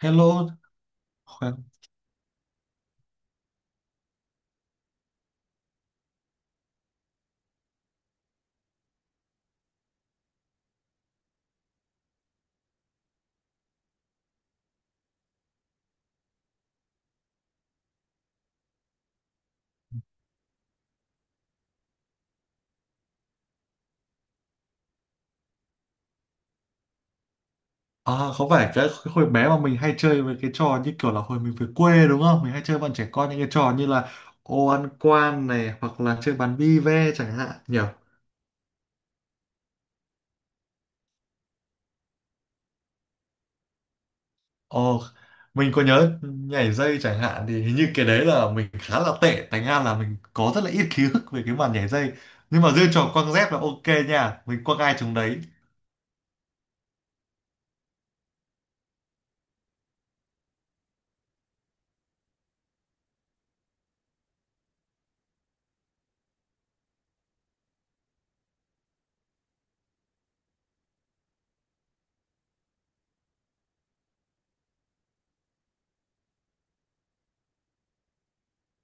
Hello. Khỏe- À, có phải cái hồi bé mà mình hay chơi với cái trò như kiểu là hồi mình về quê đúng không? Mình hay chơi bọn trẻ con những cái trò như là ô ăn quan này hoặc là chơi bắn bi ve chẳng hạn nhỉ? Ồ, mình có nhớ nhảy dây chẳng hạn thì hình như cái đấy là mình khá là tệ thành ra là mình có rất là ít ký ức về cái màn nhảy dây. Nhưng mà riêng trò quăng dép là ok nha, mình quăng ai chúng đấy.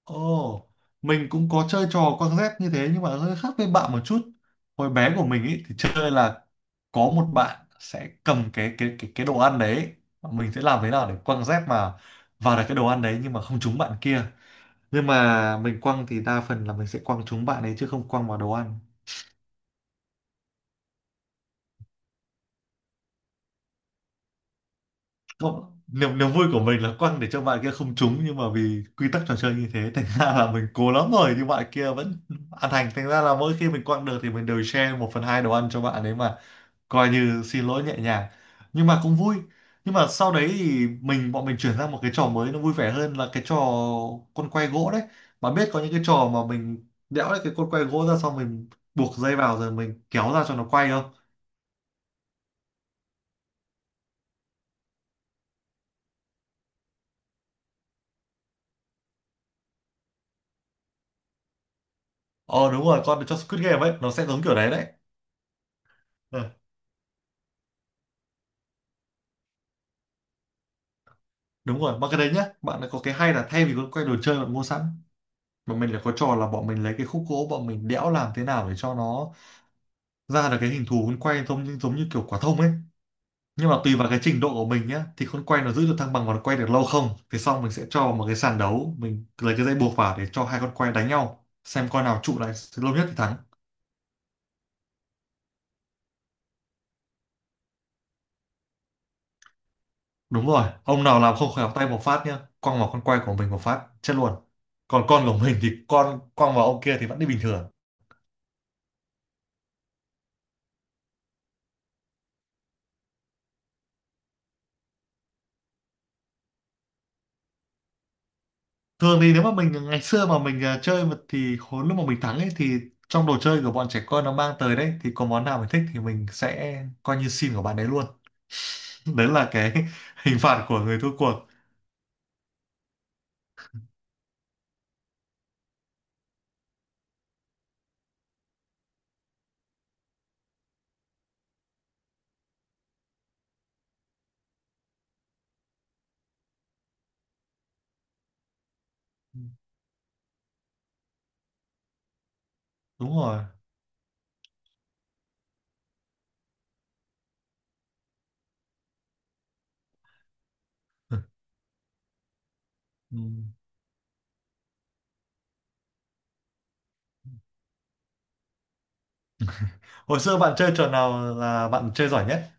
Ồ, mình cũng có chơi trò quăng dép như thế nhưng mà hơi khác với bạn một chút. Hồi bé của mình ý, thì chơi là có một bạn sẽ cầm cái đồ ăn đấy, mình sẽ làm thế nào để quăng dép mà vào được cái đồ ăn đấy nhưng mà không trúng bạn kia. Nhưng mà mình quăng thì đa phần là mình sẽ quăng trúng bạn ấy chứ không quăng vào đồ ăn. Không, niềm niềm vui của mình là quăng để cho bạn kia không trúng nhưng mà vì quy tắc trò chơi như thế thành ra là mình cố lắm rồi nhưng bạn kia vẫn ăn hành, thành ra là mỗi khi mình quăng được thì mình đều share 1/2 đồ ăn cho bạn ấy mà coi như xin lỗi nhẹ nhàng, nhưng mà cũng vui. Nhưng mà sau đấy thì bọn mình chuyển sang một cái trò mới nó vui vẻ hơn là cái trò con quay gỗ đấy. Bạn biết có những cái trò mà mình đẽo lấy cái con quay gỗ ra xong mình buộc dây vào rồi mình kéo ra cho nó quay không? Ờ đúng rồi, con cho Squid Game ấy nó sẽ giống kiểu đấy đấy. Ờ, đúng rồi, mà cái đấy nhá bạn lại có cái hay là thay vì con quay đồ chơi bạn mua sẵn mà mình lại có trò là bọn mình lấy cái khúc gỗ bọn mình đẽo làm thế nào để cho nó ra được cái hình thù con quay giống như kiểu quả thông ấy. Nhưng mà tùy vào cái trình độ của mình nhé thì con quay nó giữ được thăng bằng và nó quay được lâu không, thì xong mình sẽ cho vào một cái sàn đấu, mình lấy cái dây buộc vào để cho hai con quay đánh nhau xem con nào trụ lại lâu nhất thì thắng. Đúng rồi, ông nào làm không khéo tay một phát nhá quăng vào con quay của mình một phát chết luôn, còn con của mình thì con quăng vào ông kia thì vẫn đi bình thường. Thường thì nếu mà mình ngày xưa mà mình chơi mà thì hồi lúc mà mình thắng ấy thì trong đồ chơi của bọn trẻ con nó mang tới đấy thì có món nào mình thích thì mình sẽ coi như xin của bạn đấy luôn. Đấy là cái hình phạt của người thua cuộc. Đúng rồi. Ừ. Hồi xưa bạn chơi trò nào là bạn chơi giỏi nhất?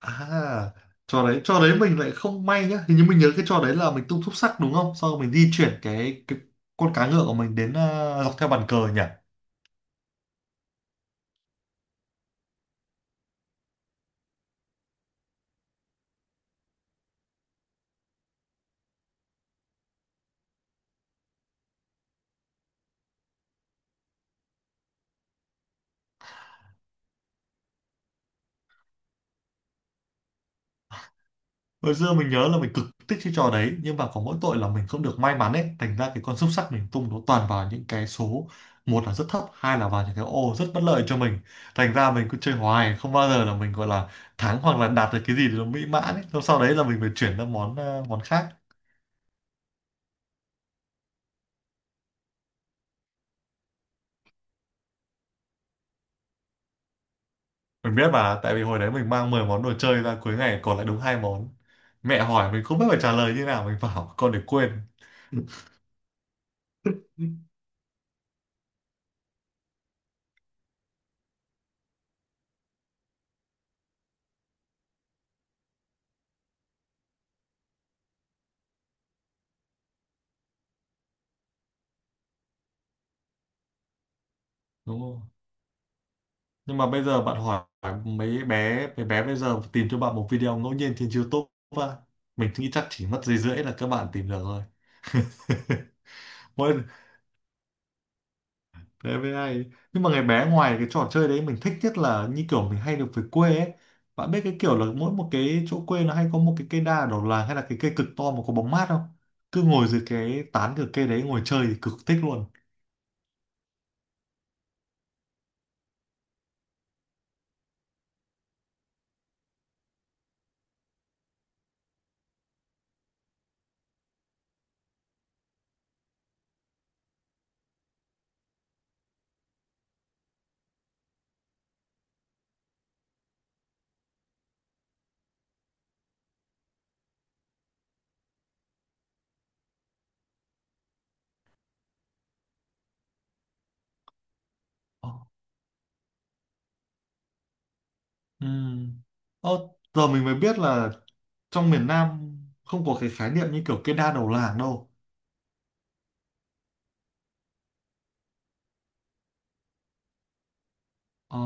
À, trò đấy mình lại không may nhá. Hình như mình nhớ cái trò đấy là mình tung thúp sắc đúng không? Sau rồi mình di chuyển cái con cá ngựa của mình đến, dọc theo bàn cờ nhỉ? Hồi xưa mình nhớ là mình cực thích cái trò đấy nhưng mà có mỗi tội là mình không được may mắn ấy, thành ra cái con xúc xắc mình tung nó toàn vào những cái số, một là rất thấp, hai là vào những cái ô rất bất lợi cho mình, thành ra mình cứ chơi hoài không bao giờ là mình gọi là thắng hoặc là đạt được cái gì thì nó mỹ mãn ấy. Xong sau đấy là mình phải chuyển sang món món khác. Mình biết mà, tại vì hồi đấy mình mang 10 món đồ chơi ra cuối ngày còn lại đúng hai món, mẹ hỏi mình không biết phải trả lời như nào, mình bảo con để quên. Đúng không? Nhưng mà bây giờ bạn hỏi mấy bé bây giờ tìm cho bạn một video ngẫu nhiên trên YouTube á, mình nghĩ chắc chỉ mất giây rưỡi là các bạn tìm được rồi. Mỗi đấy với ai, nhưng mà ngày bé ngoài cái trò chơi đấy mình thích nhất là như kiểu mình hay được về quê ấy, bạn biết cái kiểu là mỗi một cái chỗ quê nó hay có một cái cây đa ở đầu làng hay là cái cây cực to mà có bóng mát không, cứ ngồi dưới cái tán của cây đấy ngồi chơi thì cực thích luôn. Ờ, ừm. Ờ, giờ mình mới biết là trong miền Nam không có cái khái niệm như kiểu cây đa đầu làng đâu. Ờ,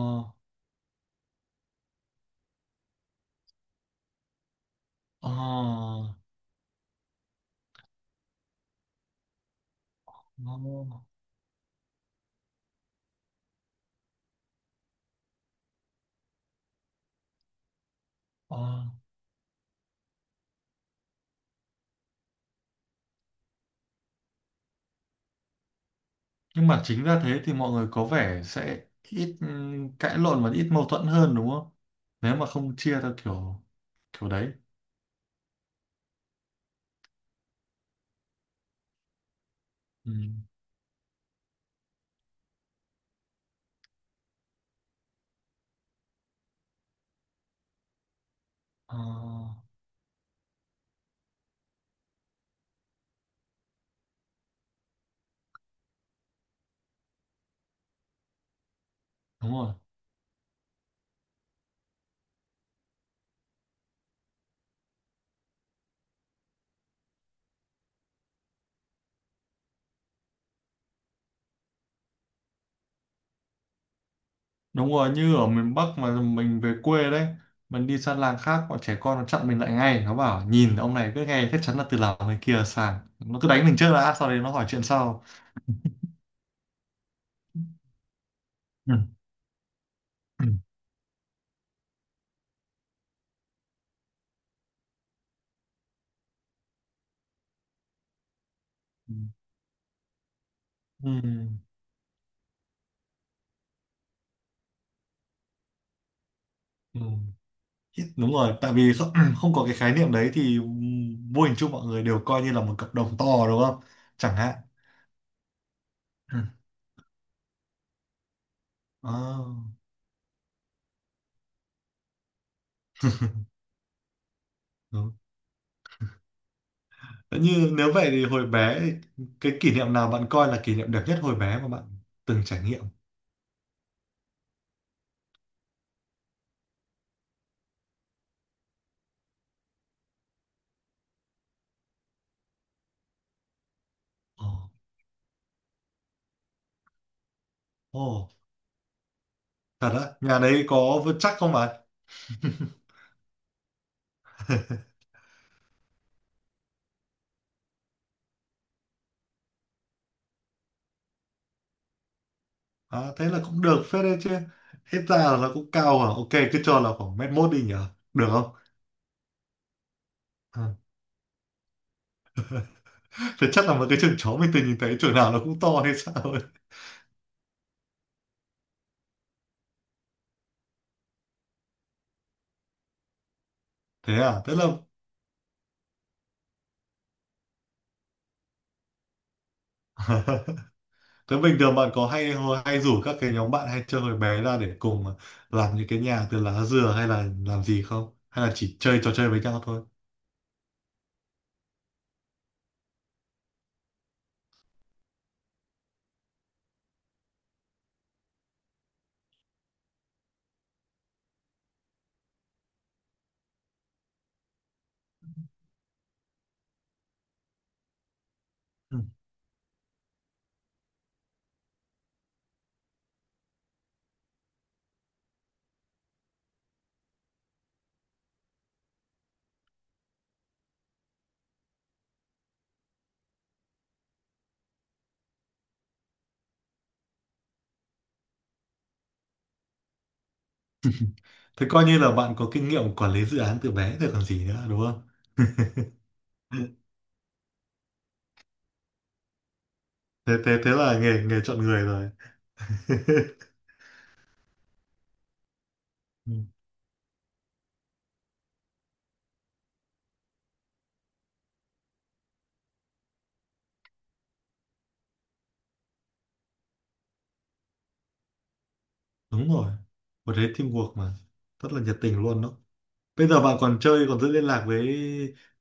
ờ, ờ, ờ. Nhưng mà chính ra thế thì mọi người có vẻ sẽ ít cãi lộn và ít mâu thuẫn hơn đúng không? Nếu mà không chia theo kiểu kiểu đấy. Ừ. Ờ, đúng rồi. Đúng rồi, như ở miền Bắc mà mình về quê đấy, mình đi sang làng khác, bọn trẻ con nó chặn mình lại ngay, nó bảo nhìn ông này cứ nghe chắc chắn là từ làng người kia sang. Nó cứ đánh mình trước đã, sau đấy nó hỏi chuyện sau. Ừ. Ừ. Ừ. Ừ. Đúng rồi, tại vì không, không có cái khái niệm đấy thì vô hình chung mọi người đều coi như là một cặp đồng to đúng không, chẳng hạn. Ừ. Ờ, đúng. Thế như nếu vậy thì hồi bé cái kỷ niệm nào bạn coi là kỷ niệm đẹp nhất hồi bé mà bạn từng trải nghiệm? Ồ. Ồ thật á, nhà đấy có vững chắc không bạn? À, thế là cũng được phết đấy chứ, hết ra là nó cũng cao. À ok, cứ cho là khoảng mét mốt đi nhở, được không? À, thế chắc là một cái trường chó mình từng nhìn thấy trường nào nó cũng to hay sao? Thế à, tức là… Thế bình thường bạn có hay hay rủ các cái nhóm bạn hay chơi hồi bé ra để cùng làm những cái nhà từ lá dừa hay là làm gì không, hay là chỉ chơi trò chơi với nhau thôi? Ừ. Thế coi như là bạn có kinh nghiệm quản lý dự án từ bé rồi còn gì nữa đúng không? thế thế thế là nghề nghề chọn người rồi. Ừ. Đúng rồi, một thế teamwork mà rất là nhiệt tình luôn đó. Bây giờ bạn còn chơi, còn giữ liên lạc với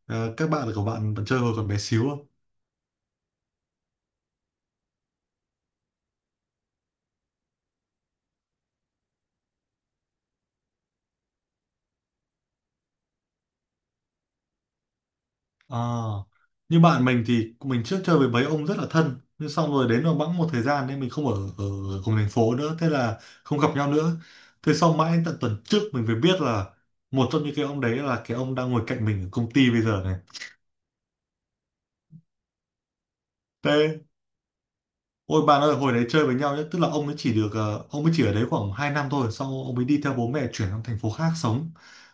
các bạn của bạn bạn chơi hồi còn bé xíu? À, như bạn mình thì mình trước chơi với mấy ông rất là thân nhưng xong rồi đến rồi bẵng một thời gian nên mình không ở ở cùng thành phố nữa, thế là không gặp nhau nữa. Thế sau mãi tận tuần trước mình mới biết là một trong những cái ông đấy là cái ông đang ngồi cạnh mình ở công ty bây giờ này. Thế Ôi bạn ơi, hồi đấy chơi với nhau nhé, tức là ông ấy chỉ được ông ấy chỉ ở đấy khoảng 2 năm thôi, sau ông ấy đi theo bố mẹ chuyển sang thành phố khác sống.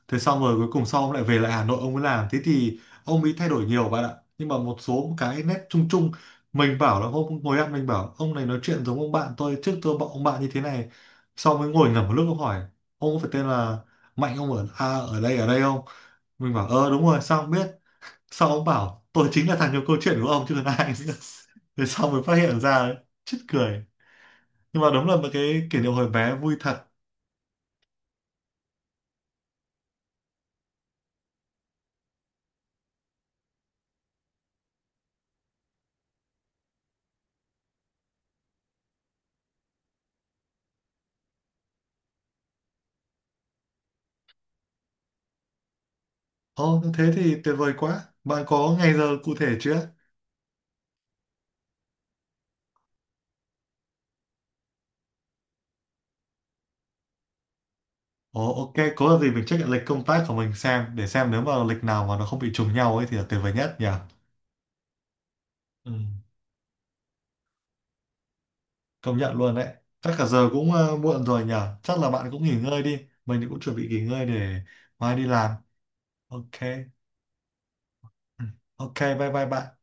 Thế xong rồi cuối cùng sau ông lại về lại Hà Nội ông ấy làm, thế thì ông ấy thay đổi nhiều bạn ạ. Nhưng mà một số cái nét chung chung, mình bảo là hôm ngồi ăn mình bảo ông này nói chuyện giống ông bạn tôi trước, tôi bảo ông bạn như thế này. Sau mới ngồi ngẫm một lúc ông hỏi ông có phải tên là Mạnh, ông ở ở đây không? Mình bảo ờ đúng rồi, sao ông biết? Sau ông bảo tôi chính là thằng nhiều câu chuyện của ông chứ còn ai nữa. Thế sau mới phát hiện ra, chết cười, nhưng mà đúng là một cái kỷ niệm hồi bé vui thật. Ồ thế thì tuyệt vời quá, bạn có ngày giờ cụ thể chưa? Ồ ok, có là gì mình check lại lịch công tác của mình xem, để xem nếu mà lịch nào mà nó không bị trùng nhau ấy thì là tuyệt vời nhất nhỉ. Ừ, công nhận luôn đấy. Chắc cả giờ cũng muộn rồi nhỉ, chắc là bạn cũng nghỉ ngơi đi. Mình thì cũng chuẩn bị nghỉ ngơi để mai đi làm. Ok. Ừ, ok bye bye bạn.